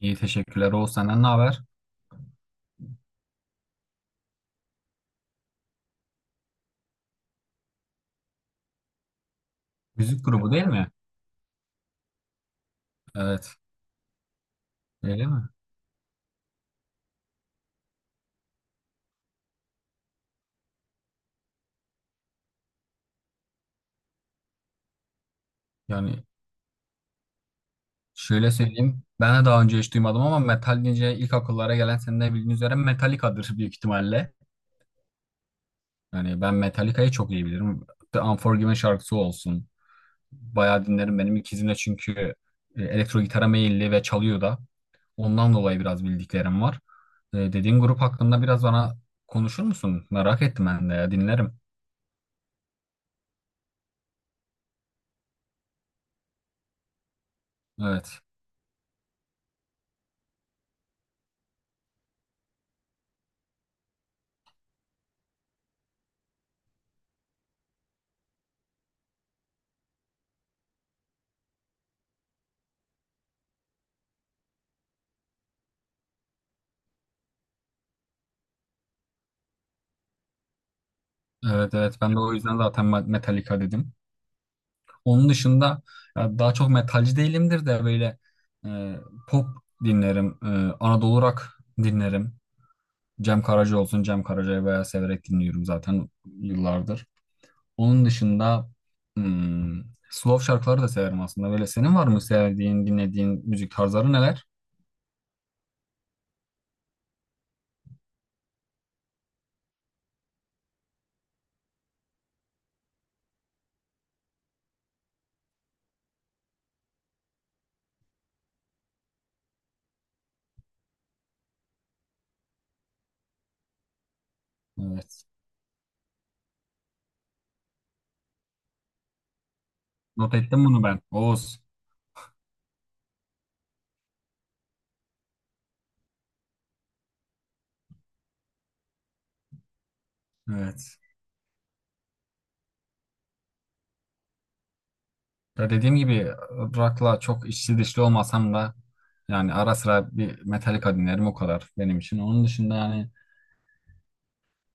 İyi teşekkürler. Oğuz senden ne haber? Müzik grubu değil mi? Evet. Öyle mi? Yani şöyle söyleyeyim. Ben de daha önce hiç duymadım ama metal deyince ilk akıllara gelen senin de bildiğin üzere Metallica'dır büyük ihtimalle. Yani ben Metallica'yı çok iyi bilirim. The Unforgiven şarkısı olsun. Bayağı dinlerim. Benim ikizim de çünkü elektro gitara meyilli ve çalıyor da. Ondan dolayı biraz bildiklerim var. Dediğin grup hakkında biraz bana konuşur musun? Merak ettim ben de ya. Dinlerim. Evet. Evet, ben de o yüzden zaten Metallica dedim. Onun dışında ya daha çok metalci değilimdir de böyle e, pop dinlerim. Anadolu rock dinlerim. Cem Karaca olsun. Cem Karaca'yı bayağı severek dinliyorum zaten yıllardır. Onun dışında hmm, slow şarkıları da severim aslında. Böyle senin var mı sevdiğin, dinlediğin müzik tarzları neler? Evet. Not ettim bunu ben. Oğuz. Evet. Ya dediğim gibi rock'la çok içli dışlı olmasam da yani ara sıra bir Metallica dinlerim o kadar benim için. Onun dışında yani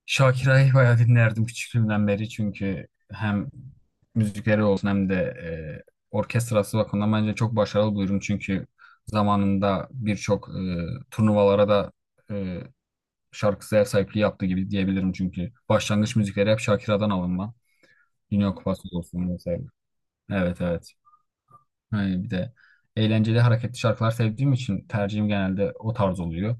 Shakira'yı bayağı dinlerdim küçüklüğümden beri çünkü hem müzikleri olsun hem de e, orkestrası bakımından bence çok başarılı buluyorum. Çünkü zamanında birçok turnuvalara da e, şarkısı ev sahipliği yaptığı gibi diyebilirim. Çünkü başlangıç müzikleri hep Shakira'dan alınma. Dünya Kupası olsun vesaire. Evet. Hani bir de eğlenceli hareketli şarkılar sevdiğim için tercihim genelde o tarz oluyor.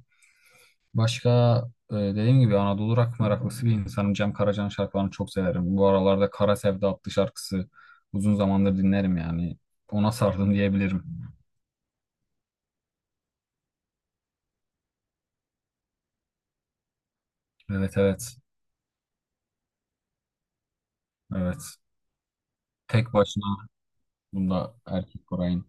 Başka dediğim gibi Anadolu rock meraklısı bir insanım. Cem Karaca'nın şarkılarını çok severim. Bu aralarda Kara Sevda adlı şarkısı uzun zamandır dinlerim yani. Ona sardım diyebilirim. Evet. Evet. Tek başına bunda erkek Koray'ın.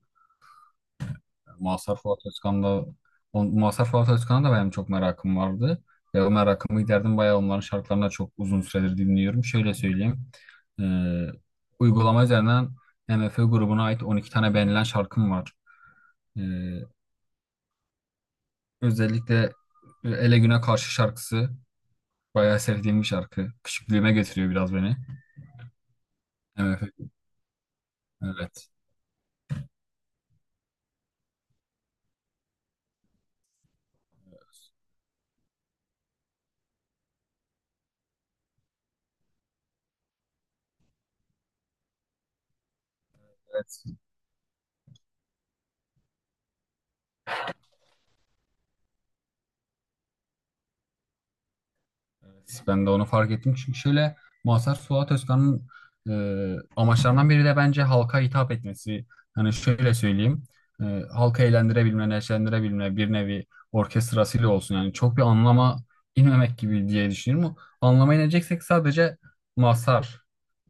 Mazhar Fuat Özkan'da Mazhar Fuat Özkan'a da benim çok merakım vardı. Ve o merakımı giderdim. Bayağı onların şarkılarını da çok uzun süredir dinliyorum. Şöyle söyleyeyim. Ee, uygulama üzerinden MFÖ grubuna ait 12 tane beğenilen şarkım var. Ee, özellikle Ele Güne Karşı şarkısı bayağı sevdiğim bir şarkı. Küçüklüğüme götürüyor biraz beni. MFÖ. Evet. Evet. Evet, ben de onu fark ettim. Çünkü şöyle Mazhar Fuat Özkan'ın amaçlarından biri de bence halka hitap etmesi. Hani şöyle söyleyeyim. E, halka eğlendirebilme, neşelendirebilme bir nevi orkestrasıyla olsun. Yani çok bir anlama inmemek gibi diye düşünüyorum. Anlama ineceksek sadece Mazhar,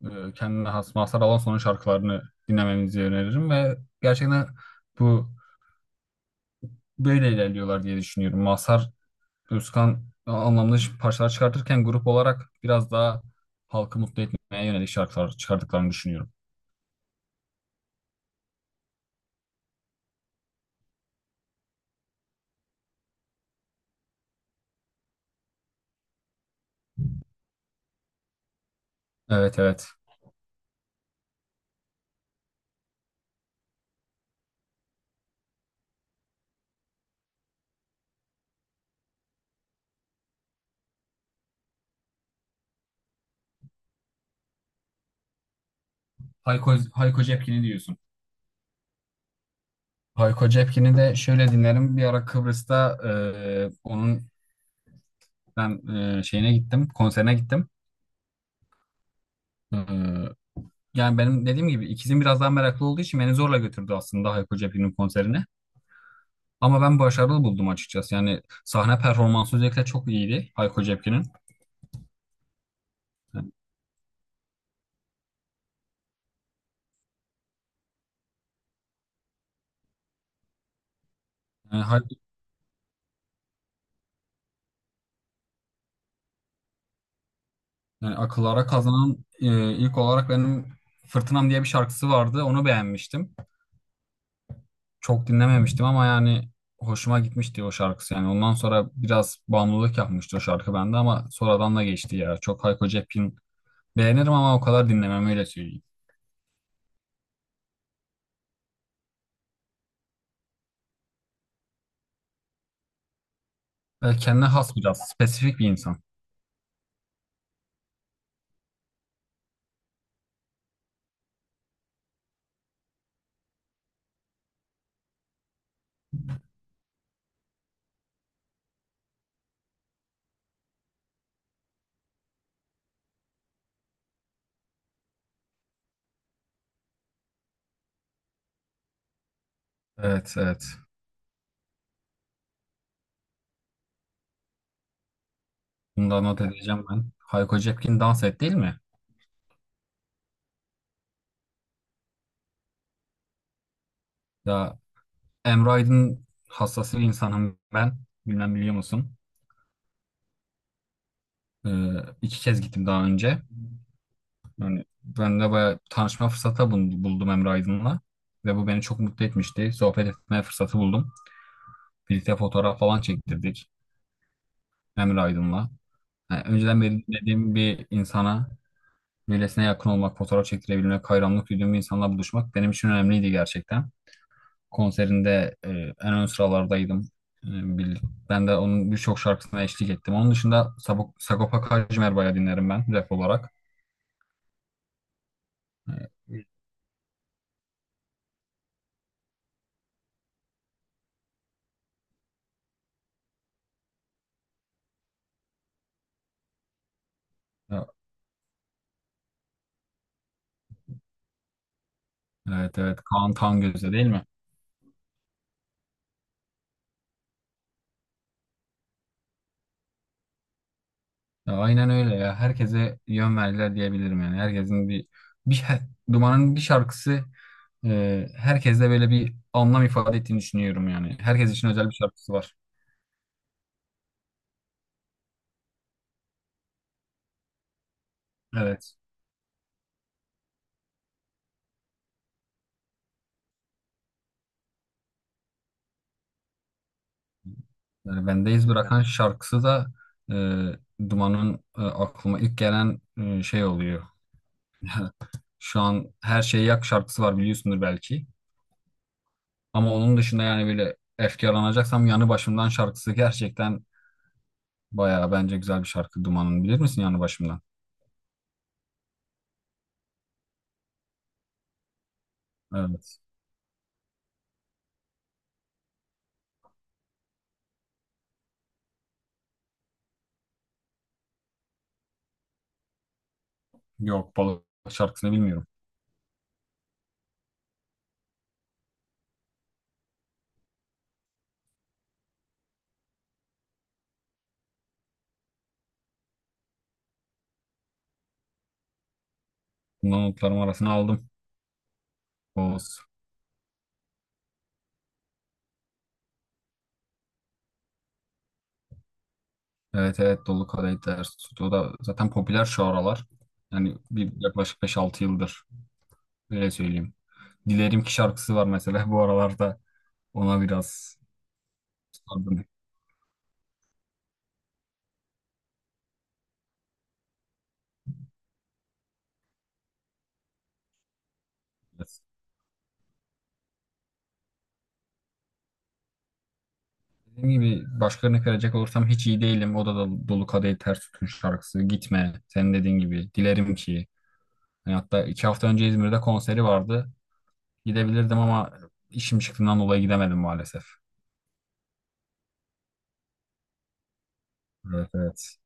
e, kendine has Mazhar Alanson'un şarkılarını dinlememizi öneririm ve gerçekten bu böyle ilerliyorlar diye düşünüyorum. Mazhar Özkan anlamda parçalar çıkartırken grup olarak biraz daha halkı mutlu etmeye yönelik şarkılar çıkardıklarını düşünüyorum. Evet. Hayko Cepkin'i diyorsun. Hayko Cepkin'i de şöyle dinlerim. Bir ara Kıbrıs'ta onun ben şeyine gittim, konserine gittim. E, yani benim dediğim gibi ikizim biraz daha meraklı olduğu için beni zorla götürdü aslında Hayko Cepkin'in konserine. Ama ben başarılı buldum açıkçası. Yani sahne performansı özellikle çok iyiydi Hayko Cepkin'in. E, Hay- Yani akıllara kazanan ilk olarak benim Fırtınam diye bir şarkısı vardı. Onu beğenmiştim. Çok dinlememiştim ama yani hoşuma gitmişti o şarkısı. Yani ondan sonra biraz bağımlılık yapmıştı o şarkı bende ama sonradan da geçti ya. Çok Hayko Cepkin beğenirim ama o kadar dinlemem öyle söyleyeyim. Kendine has biraz spesifik bir insan. Evet. Bunu da not edeceğim ben. Hayko Cepkin dans et değil mi? Ya Emre Aydın hassas bir insanım ben. Bilmem biliyor musun? E, 2 kez gittim daha önce. Yani ben de bayağı tanışma buldum Emre Aydın'la. Ve bu beni çok mutlu etmişti. Sohbet etme fırsatı buldum. Birlikte fotoğraf falan çektirdik Emre Aydın'la. Yani önceden beri dediğim bir insana, böylesine yakın olmak, fotoğraf çektirebilmek, hayranlık duyduğum bir insanla buluşmak benim için önemliydi gerçekten. Konserinde en ön sıralardaydım. E, bil- ben de onun birçok şarkısına eşlik ettim. Onun dışında Sagopa Kajmer dinlerim ben rap olarak. E, Evet evet Kaan Tangöze değil mi? Ya aynen öyle ya. Herkese yön verdiler diyebilirim yani. Herkesin bir, bir şa- Duman'ın bir şarkısı herkeste böyle bir anlam ifade ettiğini düşünüyorum yani. Herkes için özel bir şarkısı var. Evet. Yani Bendeyiz bırakan şarkısı da Duman'ın aklıma ilk gelen şey oluyor. Şu an Her Şeyi Yak şarkısı var biliyorsundur belki. Ama onun dışında yani böyle efkarlanacaksam Yanı Başımdan şarkısı gerçekten bayağı bence güzel bir şarkı Duman'ın. Bilir misin Yanı Başımdan? Evet. Yok balık şarkısını bilmiyorum. Bundan notlarım arasına aldım. Oğuz. Evet, dolu kadehler sütü. O da zaten popüler şu aralar. Yani bir yaklaşık 5-6 yıldır. Öyle söyleyeyim. Dilerim ki şarkısı var mesela. Bu aralarda ona biraz sardım. Biraz. Dediğim gibi başka örnek verecek olursam hiç iyi değilim. O da Dolu Kadehi Ters Tutun şarkısı. Gitme. Senin dediğin gibi. Dilerim ki. Yani hatta 2 hafta önce İzmir'de konseri vardı. Gidebilirdim ama işim çıktığından dolayı gidemedim maalesef. Evet.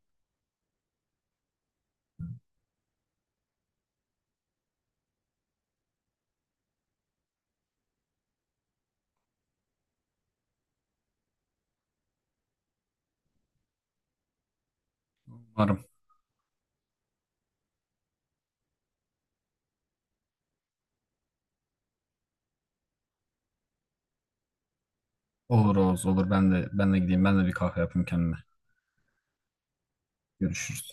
Umarım. Olur Oğuz olur. Ben de gideyim. Ben de bir kahve yapayım kendime. Görüşürüz.